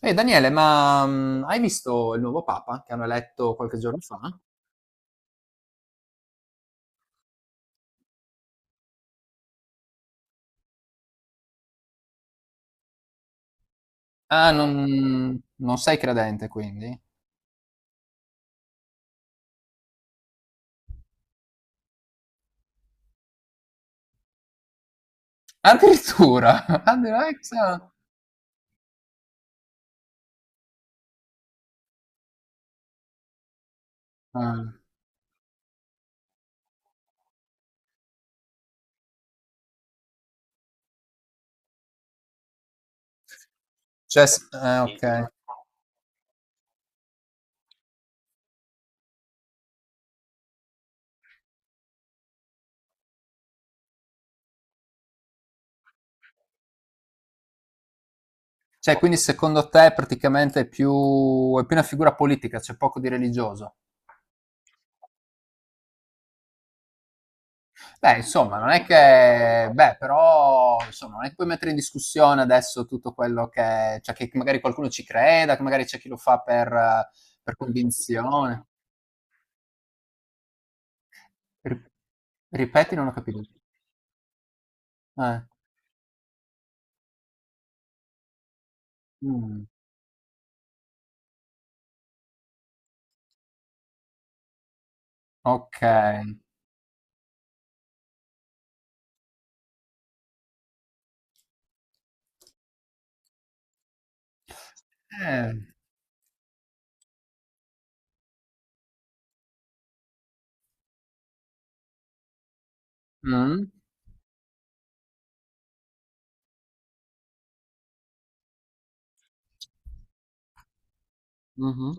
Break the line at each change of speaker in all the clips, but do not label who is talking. Ehi Daniele, ma hai visto il nuovo Papa che hanno eletto qualche giorno fa? Ah, non sei credente quindi? Addirittura! Addirittura! Ah, cioè, ok. Cioè, quindi secondo te praticamente è più una figura politica, c'è poco di religioso? Beh, insomma, non è che. Beh, però, insomma, non è che puoi mettere in discussione adesso tutto quello che. Cioè, che magari qualcuno ci creda, che magari c'è chi lo fa per, convinzione. Ri ripeti, non ho capito. Eh. Mh, okay. Eh. Mh. Mh-mh.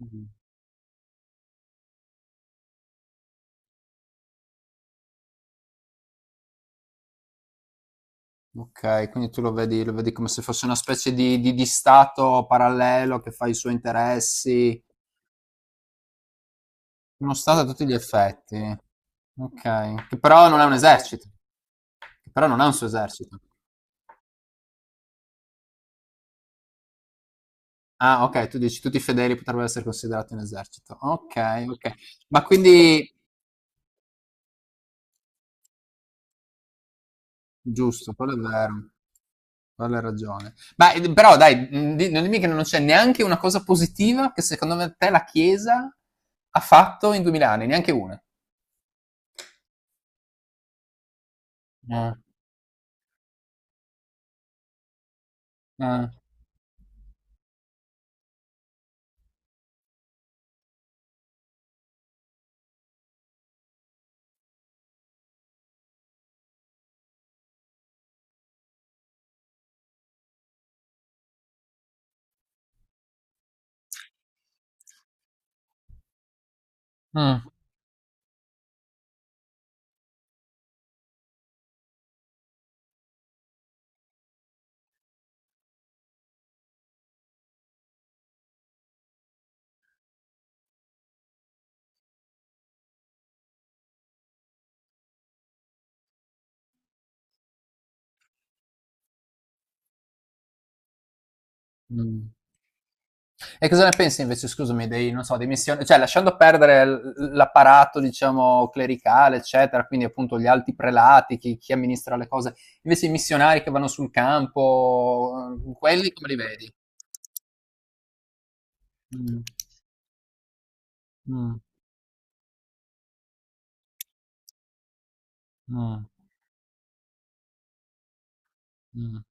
Mh. Okay, quindi tu lo vedi come se fosse una specie di stato parallelo che fa i suoi interessi. Uno stato a tutti gli effetti. Okay, che però non ha un suo esercito. Ah okay, tu dici tutti i fedeli potrebbero essere considerati un esercito. Okay, okay. Ma quindi Giusto, quello è vero. Quella hai ragione. Ma però dai, non dimmi che non c'è neanche una cosa positiva che secondo me te la Chiesa ha fatto in 2000 anni, neanche una. Eh, eh, mm. Mm. E cosa ne pensi invece, scusami, dei, non so, dei missioni, cioè lasciando perdere l'apparato, diciamo, clericale, eccetera, quindi appunto gli alti prelati, chi amministra le cose, invece i missionari che vanno sul campo, quelli come li vedi? Mm, mm, mm, mm.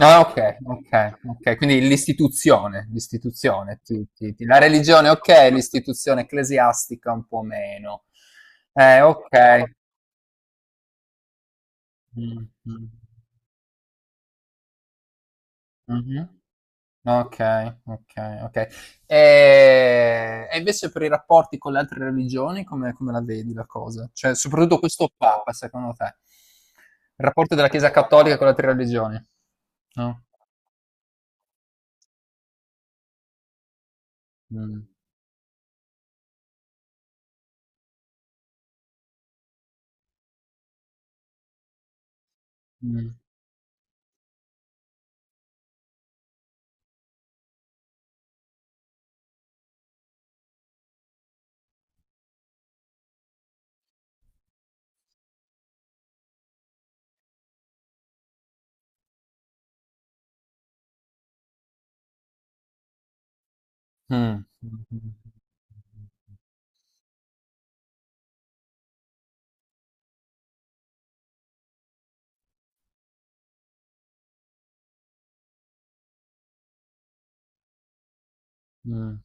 Ah, okay, okay, okay. Quindi l'istituzione ti la religione okay, l'istituzione ecclesiastica un po' meno. Okay. Mh, mh. Mh-mh. Okay, okay, okay. E invece per i rapporti con le altre religioni come la vedi la cosa? Cioè, soprattutto questo Papa secondo te? Il rapporto della Chiesa cattolica con le altre religioni. No? Mh. Mh. Mh. Mh, mh.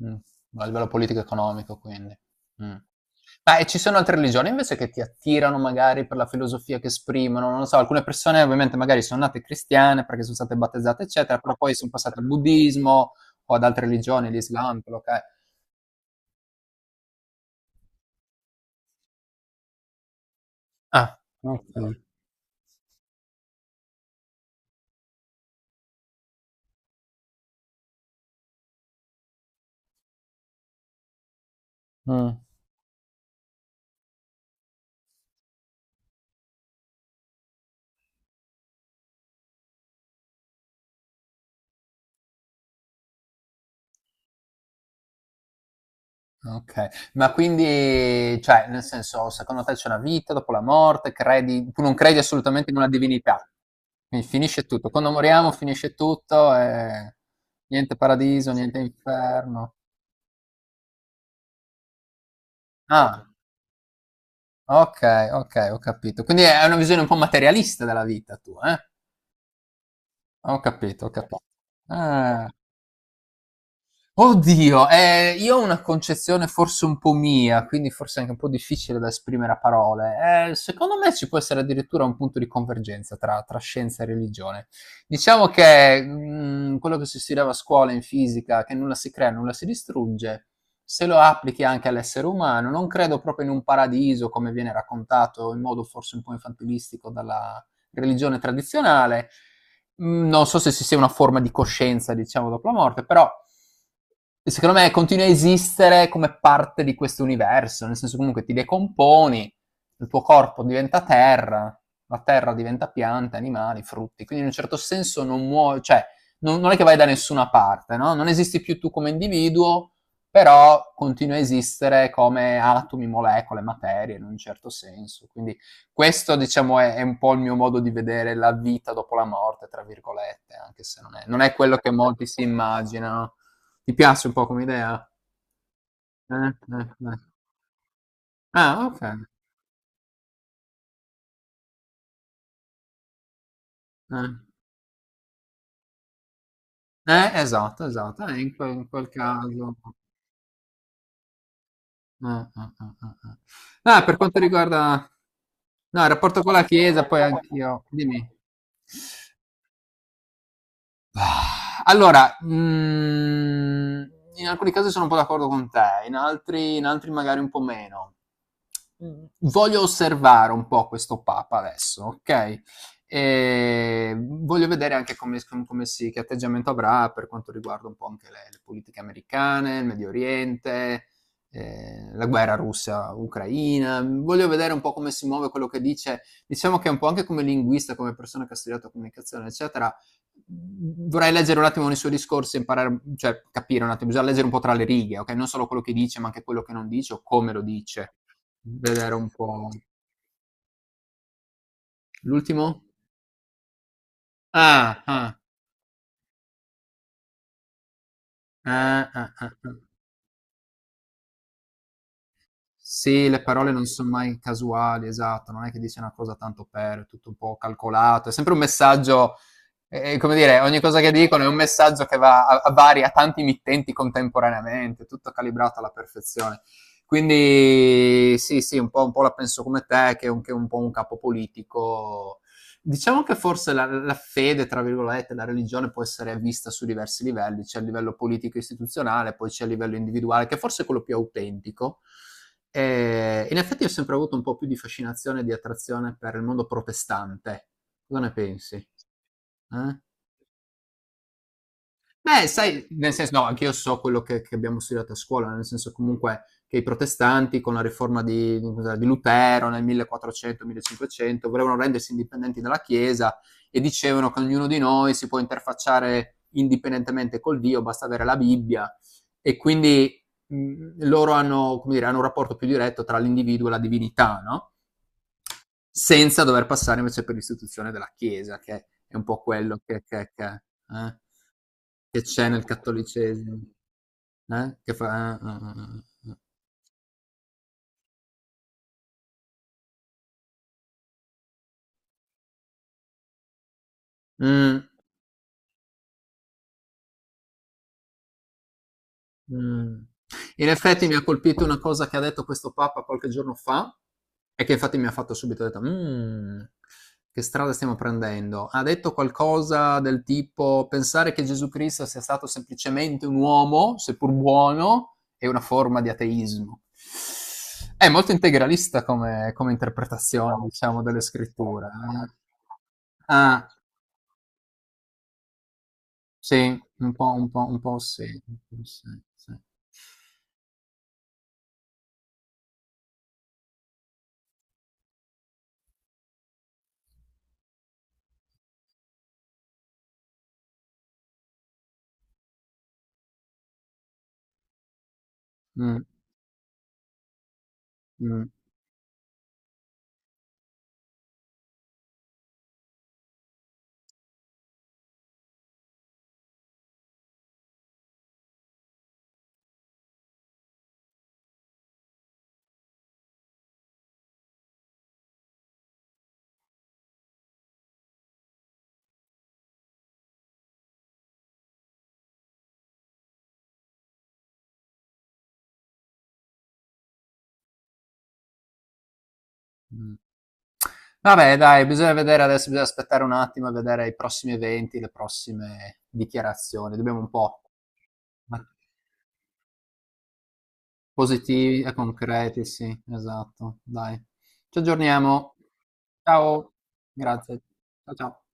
Mh, a livello politico economico quindi. Mh. Ma e ci sono altre religioni invece che ti attirano magari per la filosofia che esprimono? Non lo so, alcune persone ovviamente magari sono nate cristiane perché son state battezzate eccetera, però poi son passate al buddismo o ad altre religioni, l'Islam, quello che è. Ah, okay. Mh. Okay. Ma quindi, cioè, nel senso, secondo te c'è una vita dopo la morte? Credi tu non credi assolutamente in una divinità? Quindi finisce tutto. Quando moriamo finisce tutto e niente paradiso, niente inferno. Ah, okay, okay, ho capito. Quindi è una visione un po' materialista della vita tua, eh? Ho capito, ho capi ah. Oddio, io ho una concezione forse un po' mia, quindi forse anche un po' difficile da esprimere a parole. Secondo me ci può essere addirittura un punto di convergenza tra, scienza e religione. Diciamo che quello che si studiava a scuola in fisica, che nulla si crea, nulla si distrugge, se lo applichi anche all'essere umano, non credo proprio in un paradiso come viene raccontato in modo forse un po' infantilistico dalla religione tradizionale. Non so se ci sia una forma di coscienza, diciamo, dopo la morte, però secondo me continua a esistere come parte di questo universo, nel senso comunque ti decomponi, il tuo corpo diventa terra, la terra diventa piante, animali, frutti, quindi in un certo senso non muovi, cioè non è che vai da nessuna parte, no? Non esisti più tu come individuo, però continua a esistere come atomi, molecole, materie in un certo senso, quindi questo, diciamo, è un po' il mio modo di vedere la vita dopo la morte, tra virgolette, anche se non è quello che molti si immaginano. Ti piace un po' come idea? Eh, eh. Ah, ok. Eh. Esatto, esatto, in quel caso. Eh. Ah, per quanto riguarda. No, il rapporto con la Chiesa, poi anch'io. Dimmi. Allora, in alcuni casi sono un po' d'accordo con te, in altri, magari un po' meno. Voglio osservare un po' questo Papa adesso, ok? E voglio vedere anche che atteggiamento avrà per quanto riguarda un po' anche le politiche americane, il Medio Oriente, la guerra russa-ucraina. Voglio vedere un po' come si muove quello che dice. Diciamo che un po' anche come linguista, come persona che ha studiato comunicazione, eccetera, vorrei leggere un attimo nei suoi discorsi, imparare, cioè capire un attimo, bisogna leggere un po' tra le righe, ok? Non solo quello che dice, ma anche quello che non dice o come lo dice. Vedere un po'. L'ultimo? Ah, ah, ah, ah, ah, ah. Sì, le parole non sono mai casuali, esatto, non è che dice una cosa tanto per, è tutto un po' calcolato, è sempre un messaggio. E, come dire, ogni cosa che dicono è un messaggio che va a vari, a tanti mittenti contemporaneamente, tutto calibrato alla perfezione. Quindi sì, sì, un po' la penso come te, che è un po' un capo politico. Diciamo che forse la fede, tra virgolette, la religione può essere vista su diversi livelli, c'è a livello politico istituzionale, poi c'è a livello individuale, che forse è quello più autentico. E in effetti ho sempre avuto un po' più di fascinazione e di attrazione per il mondo protestante. Cosa ne pensi? Eh? Beh, sai, nel senso, no, anche io so quello che, abbiamo studiato a scuola, nel senso comunque che i protestanti con la riforma di cos'era, di Lutero nel 1400-1500 volevano rendersi indipendenti dalla Chiesa e dicevano che ognuno di noi si può interfacciare indipendentemente col Dio, basta avere la Bibbia e quindi loro hanno, come dire, hanno un rapporto più diretto tra l'individuo e la divinità, no? Senza dover passare invece per l'istituzione della Chiesa, che è un po' quello che c'è nel cattolicesimo. Eh? Che fa eh. Mh. Mh. In effetti mi ha colpito una cosa che ha detto questo papa qualche giorno fa, e che infatti mi ha fatto subito ho detto: "Mhmm, che strada stiamo prendendo". Ha detto qualcosa del tipo: "Pensare che Gesù Cristo sia stato semplicemente un uomo, seppur buono, è una forma di ateismo". È molto integralista come interpretazione, diciamo, delle scritture, eh. Ah, sì, un po' un po' un po' sì, sì. Mh, mh. Mh. Vabbè dai, bisogna vedere adesso, bisogna aspettare un attimo e vedere i prossimi eventi, le prossime dichiarazioni. Dobbiamo un po' ma positivi e concreti, sì, esatto, dai. Ci aggiorniamo. Ciao, grazie. Ciao, ciao.